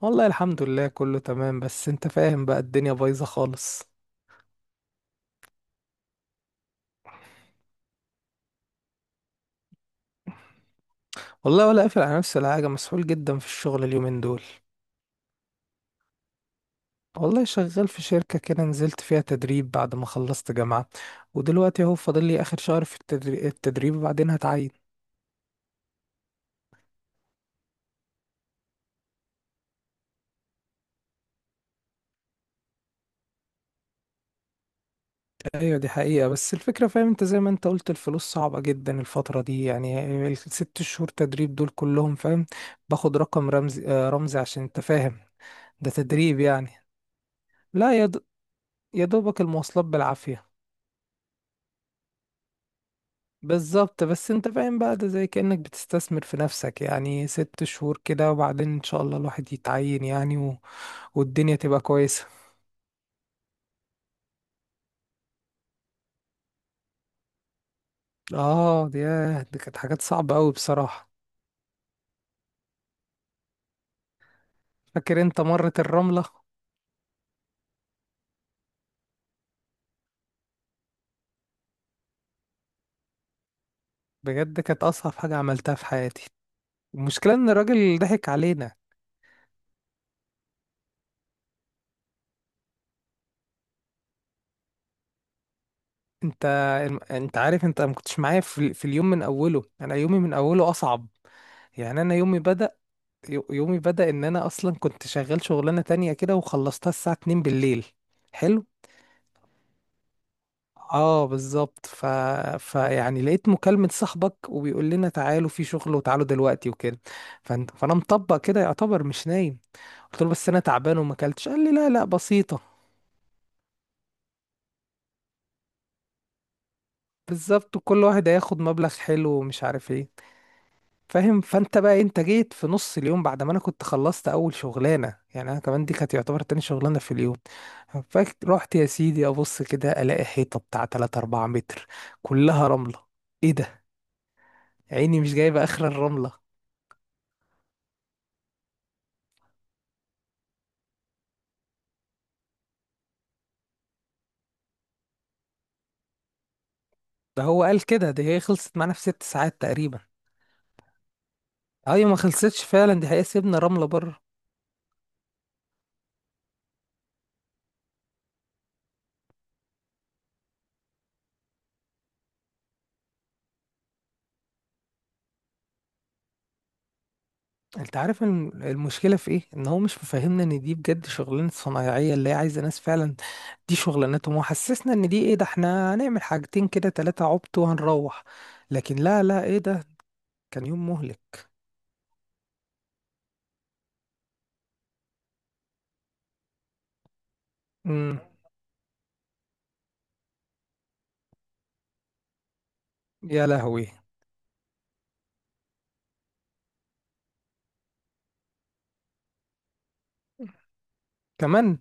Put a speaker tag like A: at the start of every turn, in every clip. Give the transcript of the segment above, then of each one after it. A: والله الحمد لله كله تمام، بس انت فاهم بقى الدنيا بايظة خالص. والله ولا قافل على نفسي ولا حاجة، مسحول جدا في الشغل اليومين دول. والله شغال في شركة كده، نزلت فيها تدريب بعد ما خلصت جامعة. ودلوقتي اهو فاضل لي اخر شهر في التدريب، وبعدين هتعين. ايوه دي حقيقة، بس الفكرة فاهم انت زي ما انت قلت الفلوس صعبة جدا الفترة دي، يعني الست شهور تدريب دول كلهم فاهم. باخد رقم رمزي، رمزي، عشان انت فاهم. ده تدريب يعني. لا يا دوبك المواصلات بالعافية. بالظبط، بس انت فاهم بقى ده زي كأنك بتستثمر في نفسك، يعني ست شهور كده وبعدين ان شاء الله الواحد يتعين يعني والدنيا تبقى كويسة. اه دي كانت حاجات صعبة قوي بصراحة. فاكر انت مرة الرملة. بجد كانت اصعب حاجة عملتها في حياتي. المشكلة ان الراجل ضحك علينا. انت انت عارف انت ما كنتش معايا في اليوم من اوله، انا يومي من اوله اصعب يعني. انا يومي بدأ، يومي بدأ ان انا اصلا كنت شغال شغلانة تانية كده وخلصتها الساعة 2 بالليل. حلو. اه بالظبط، فيعني لقيت مكالمة صاحبك وبيقول لنا تعالوا في شغل وتعالوا دلوقتي وكده. فانا مطبق كده يعتبر مش نايم. قلت له بس انا تعبان وما اكلتش، قال لي لا لا بسيطة. بالظبط، وكل واحد هياخد مبلغ حلو ومش عارف ايه. فاهم، فانت بقى انت جيت في نص اليوم بعد ما انا كنت خلصت اول شغلانه، يعني انا كمان دي كانت يعتبر تاني شغلانه في اليوم. فرحت يا سيدي ابص كده الاقي حيطه بتاع 3 4 متر كلها رمله. ايه ده. عيني مش جايبه اخر الرمله. ده هو قال كده دي هي خلصت معانا في ست ساعات تقريبا. ايوه ما خلصتش فعلا دي، هي سيبنا رمله بره. انت عارف المشكله في ايه؟ ان هو مش مفهمنا ان دي بجد شغلانه صنايعيه اللي هي عايزه ناس فعلا، دي شغلانتهم، وحسسنا ان دي ايه، ده احنا هنعمل حاجتين كده ثلاثه عبط وهنروح. لكن لا لا ايه ده. كان يوم مهلك. امم يا لهوي. كمان.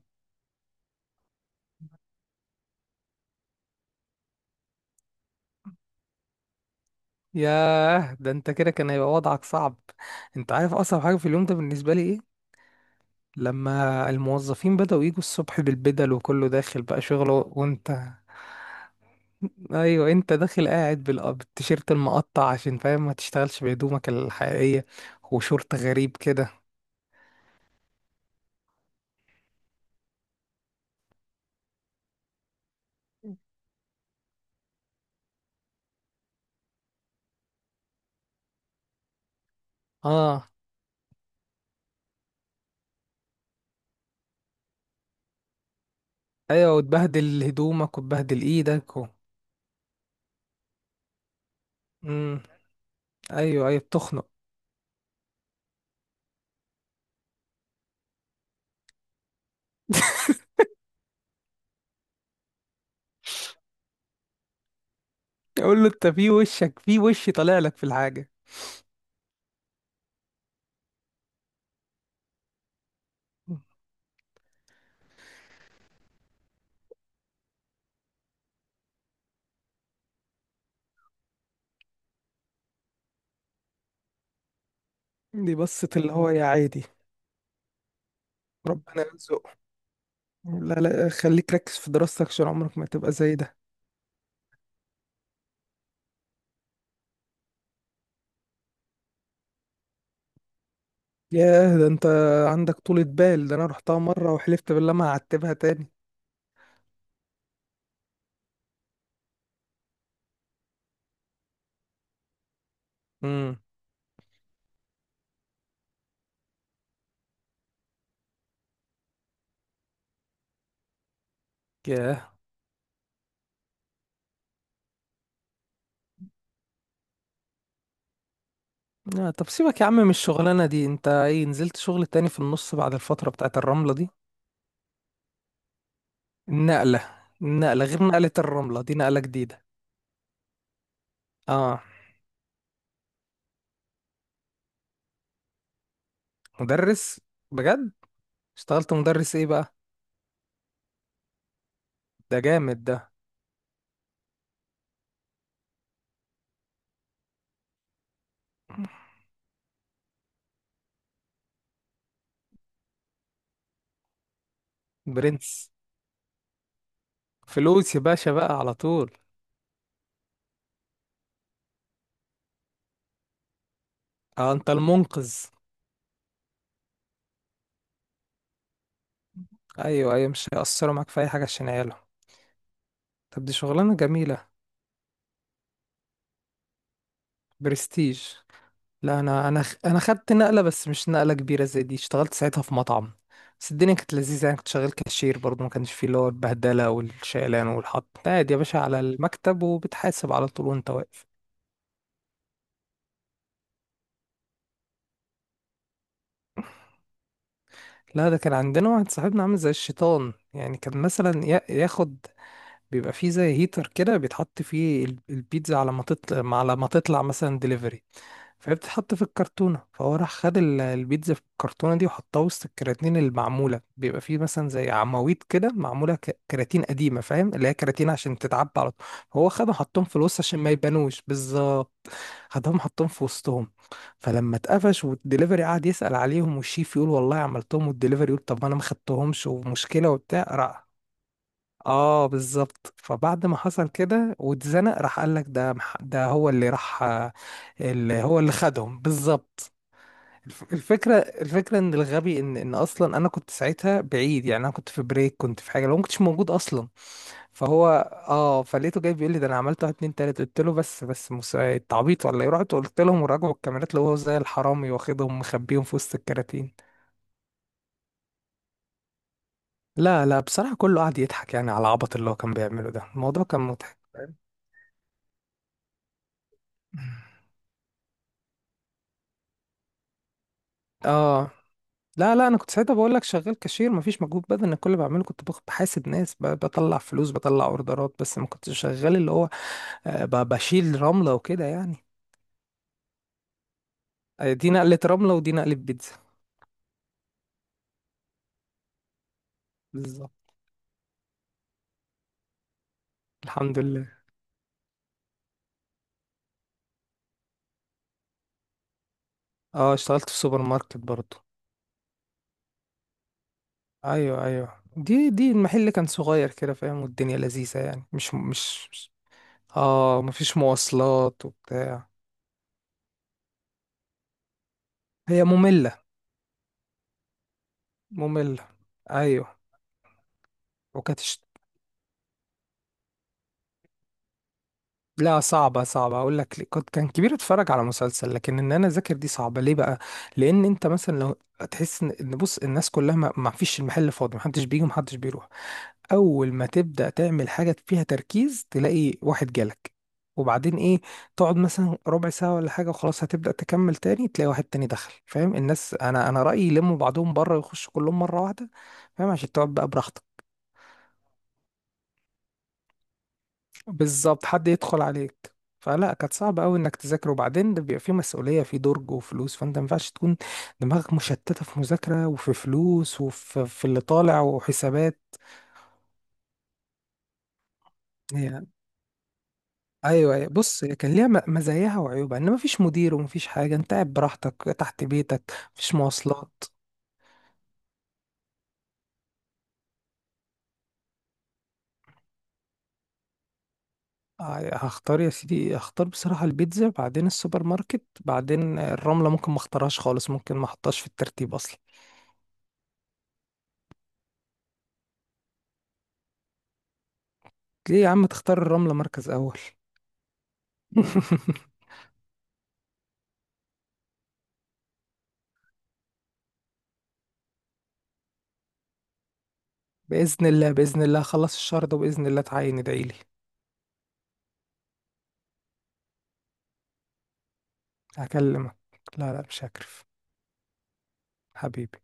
A: ياه ده انت كده كان هيبقى وضعك صعب. انت عارف اصعب حاجه في اليوم ده بالنسبه لي ايه؟ لما الموظفين بدأوا يجوا الصبح بالبدل وكله داخل بقى شغله، وانت. ايوه انت داخل قاعد بالتيشيرت المقطع، عشان فاهم ما تشتغلش بهدومك الحقيقية، وشورت غريب كده. اه. ايوه، وتبهدل هدومك وتبهدل ايدك مم. ايوه ايوه بتخنق. يقول له انت في وشك، في وش طالع لك في الحاجة. دي بصة اللي هو يا عادي. ربنا يرزقه. لا لا خليك ركز في دراستك عشان عمرك ما تبقى زي ده. ياه ده انت عندك طولة بال، ده انا رحتها مرة وحلفت بالله ما هعتبها تاني. امم لا طب سيبك يا عم من الشغلانة دي، انت ايه نزلت شغل تاني في النص بعد الفترة بتاعت الرملة دي؟ النقلة. النقلة غير نقلة الرملة دي، نقلة جديدة. اه مدرس. بجد. اشتغلت مدرس ايه بقى؟ ده جامد ده. برنس. فلوس يا باشا بقى على طول. اه انت المنقذ. ايوه ايوه، مش هيأثروا معاك في اي حاجة عشان عياله. طب دي شغلانة جميلة. برستيج. لا انا خدت نقله، بس مش نقله كبيره زي دي، اشتغلت ساعتها في مطعم. بس الدنيا كانت لذيذه يعني، كنت شغال كاشير برضه ما كانش فيه اللي هو البهدله والشيلان والحط، قاعد يا باشا على المكتب وبتحاسب على طول وانت واقف. لا ده كان عندنا واحد صاحبنا عامل زي الشيطان، يعني كان مثلا ياخد، بيبقى فيه زي هيتر كده بيتحط فيه البيتزا على ما تطلع، على ما تطلع مثلا ديليفري، فهي بتتحط في الكرتونة، فهو راح خد البيتزا في الكرتونة دي وحطها وسط الكراتين المعمولة، بيبقى فيه مثلا زي عواميد كده معمولة كراتين قديمة، فاهم اللي هي كراتين عشان تتعبى على طول. هو خدهم حطهم في الوسط عشان ما يبانوش بالظبط، خدهم حطهم في وسطهم. فلما اتقفش والدليفري قعد يسأل عليهم، والشيف يقول والله عملتهم، والدليفري يقول طب ما انا ما خدتهمش، ومشكلة وبتاع، راح. اه بالظبط. فبعد ما حصل كده واتزنق راح قال لك ده هو اللي راح، اللي هو اللي خدهم بالظبط. الفكره ان الغبي ان اصلا انا كنت ساعتها بعيد يعني، انا كنت في بريك، كنت في حاجه، لو ما كنتش موجود اصلا. فهو اه فلقيته جاي بيقول لي، ده انا عملت واحد اتنين تلاته. قلت له بس انت عبيط ولا ايه؟ رحت قلت لهم، وراجعوا الكاميرات لقوه زي الحرامي واخدهم مخبيهم في وسط الكراتين. لا لا بصراحه كله قعد يضحك يعني على العبط اللي هو كان بيعمله ده، الموضوع كان مضحك. اه. لا لا انا كنت ساعتها بقول لك شغال كاشير، مفيش مجهود بدني. أنا كل اللي بعمله كنت باخد بحاسب ناس، بطلع فلوس بطلع اوردرات، بس ما كنتش شغال اللي هو بشيل رملة وكده يعني. دي نقلة رملة ودي نقلة بيتزا. بالظبط. الحمد لله. اه اشتغلت في سوبر ماركت برضو. ايوه ايوه، دي المحل كان صغير كده، فاهم، والدنيا لذيذة يعني اه مفيش مواصلات وبتاع. هي مملة. مملة. ايوه، وكانت. لا صعبة، صعبة، أقول لك ليه. كنت كان كبير أتفرج على مسلسل، لكن إن أنا أذاكر دي صعبة، ليه بقى؟ لأن أنت مثلا لو، هتحس إن بص الناس كلها ما فيش، المحل فاضي محدش بيجي ومحدش بيروح، أول ما تبدأ تعمل حاجة فيها تركيز تلاقي واحد جالك. وبعدين إيه، تقعد مثلا ربع ساعة ولا حاجة وخلاص، هتبدأ تكمل تاني تلاقي واحد تاني دخل، فاهم الناس. أنا رأيي يلموا بعضهم بره ويخشوا كلهم مرة واحدة، فاهم، عشان تقعد بقى براحتك. بالظبط، حد يدخل عليك. فلا كانت صعبة قوي انك تذاكر، وبعدين ده بيبقى فيه مسؤولية في درج وفلوس، فانت ما ينفعش تكون دماغك مشتتة في مذاكرة وفي فلوس وفي اللي طالع وحسابات. هي ايوه. أيوة. بص هي كان ليها مزاياها وعيوبها، ان مفيش مدير ومفيش حاجة، انت قاعد براحتك تحت بيتك، مفيش مواصلات. هختار يا سيدي، هختار بصراحة البيتزا، بعدين السوبر ماركت، بعدين الرملة ممكن ما اختارهاش خالص، ممكن ما احطهاش في الترتيب اصلا. ليه يا عم تختار الرملة مركز اول؟ بإذن الله، بإذن الله أخلص الشهر ده وبإذن الله تعين، ادعيلي. هكلمك. لا لا مش هكرف. حبيبي.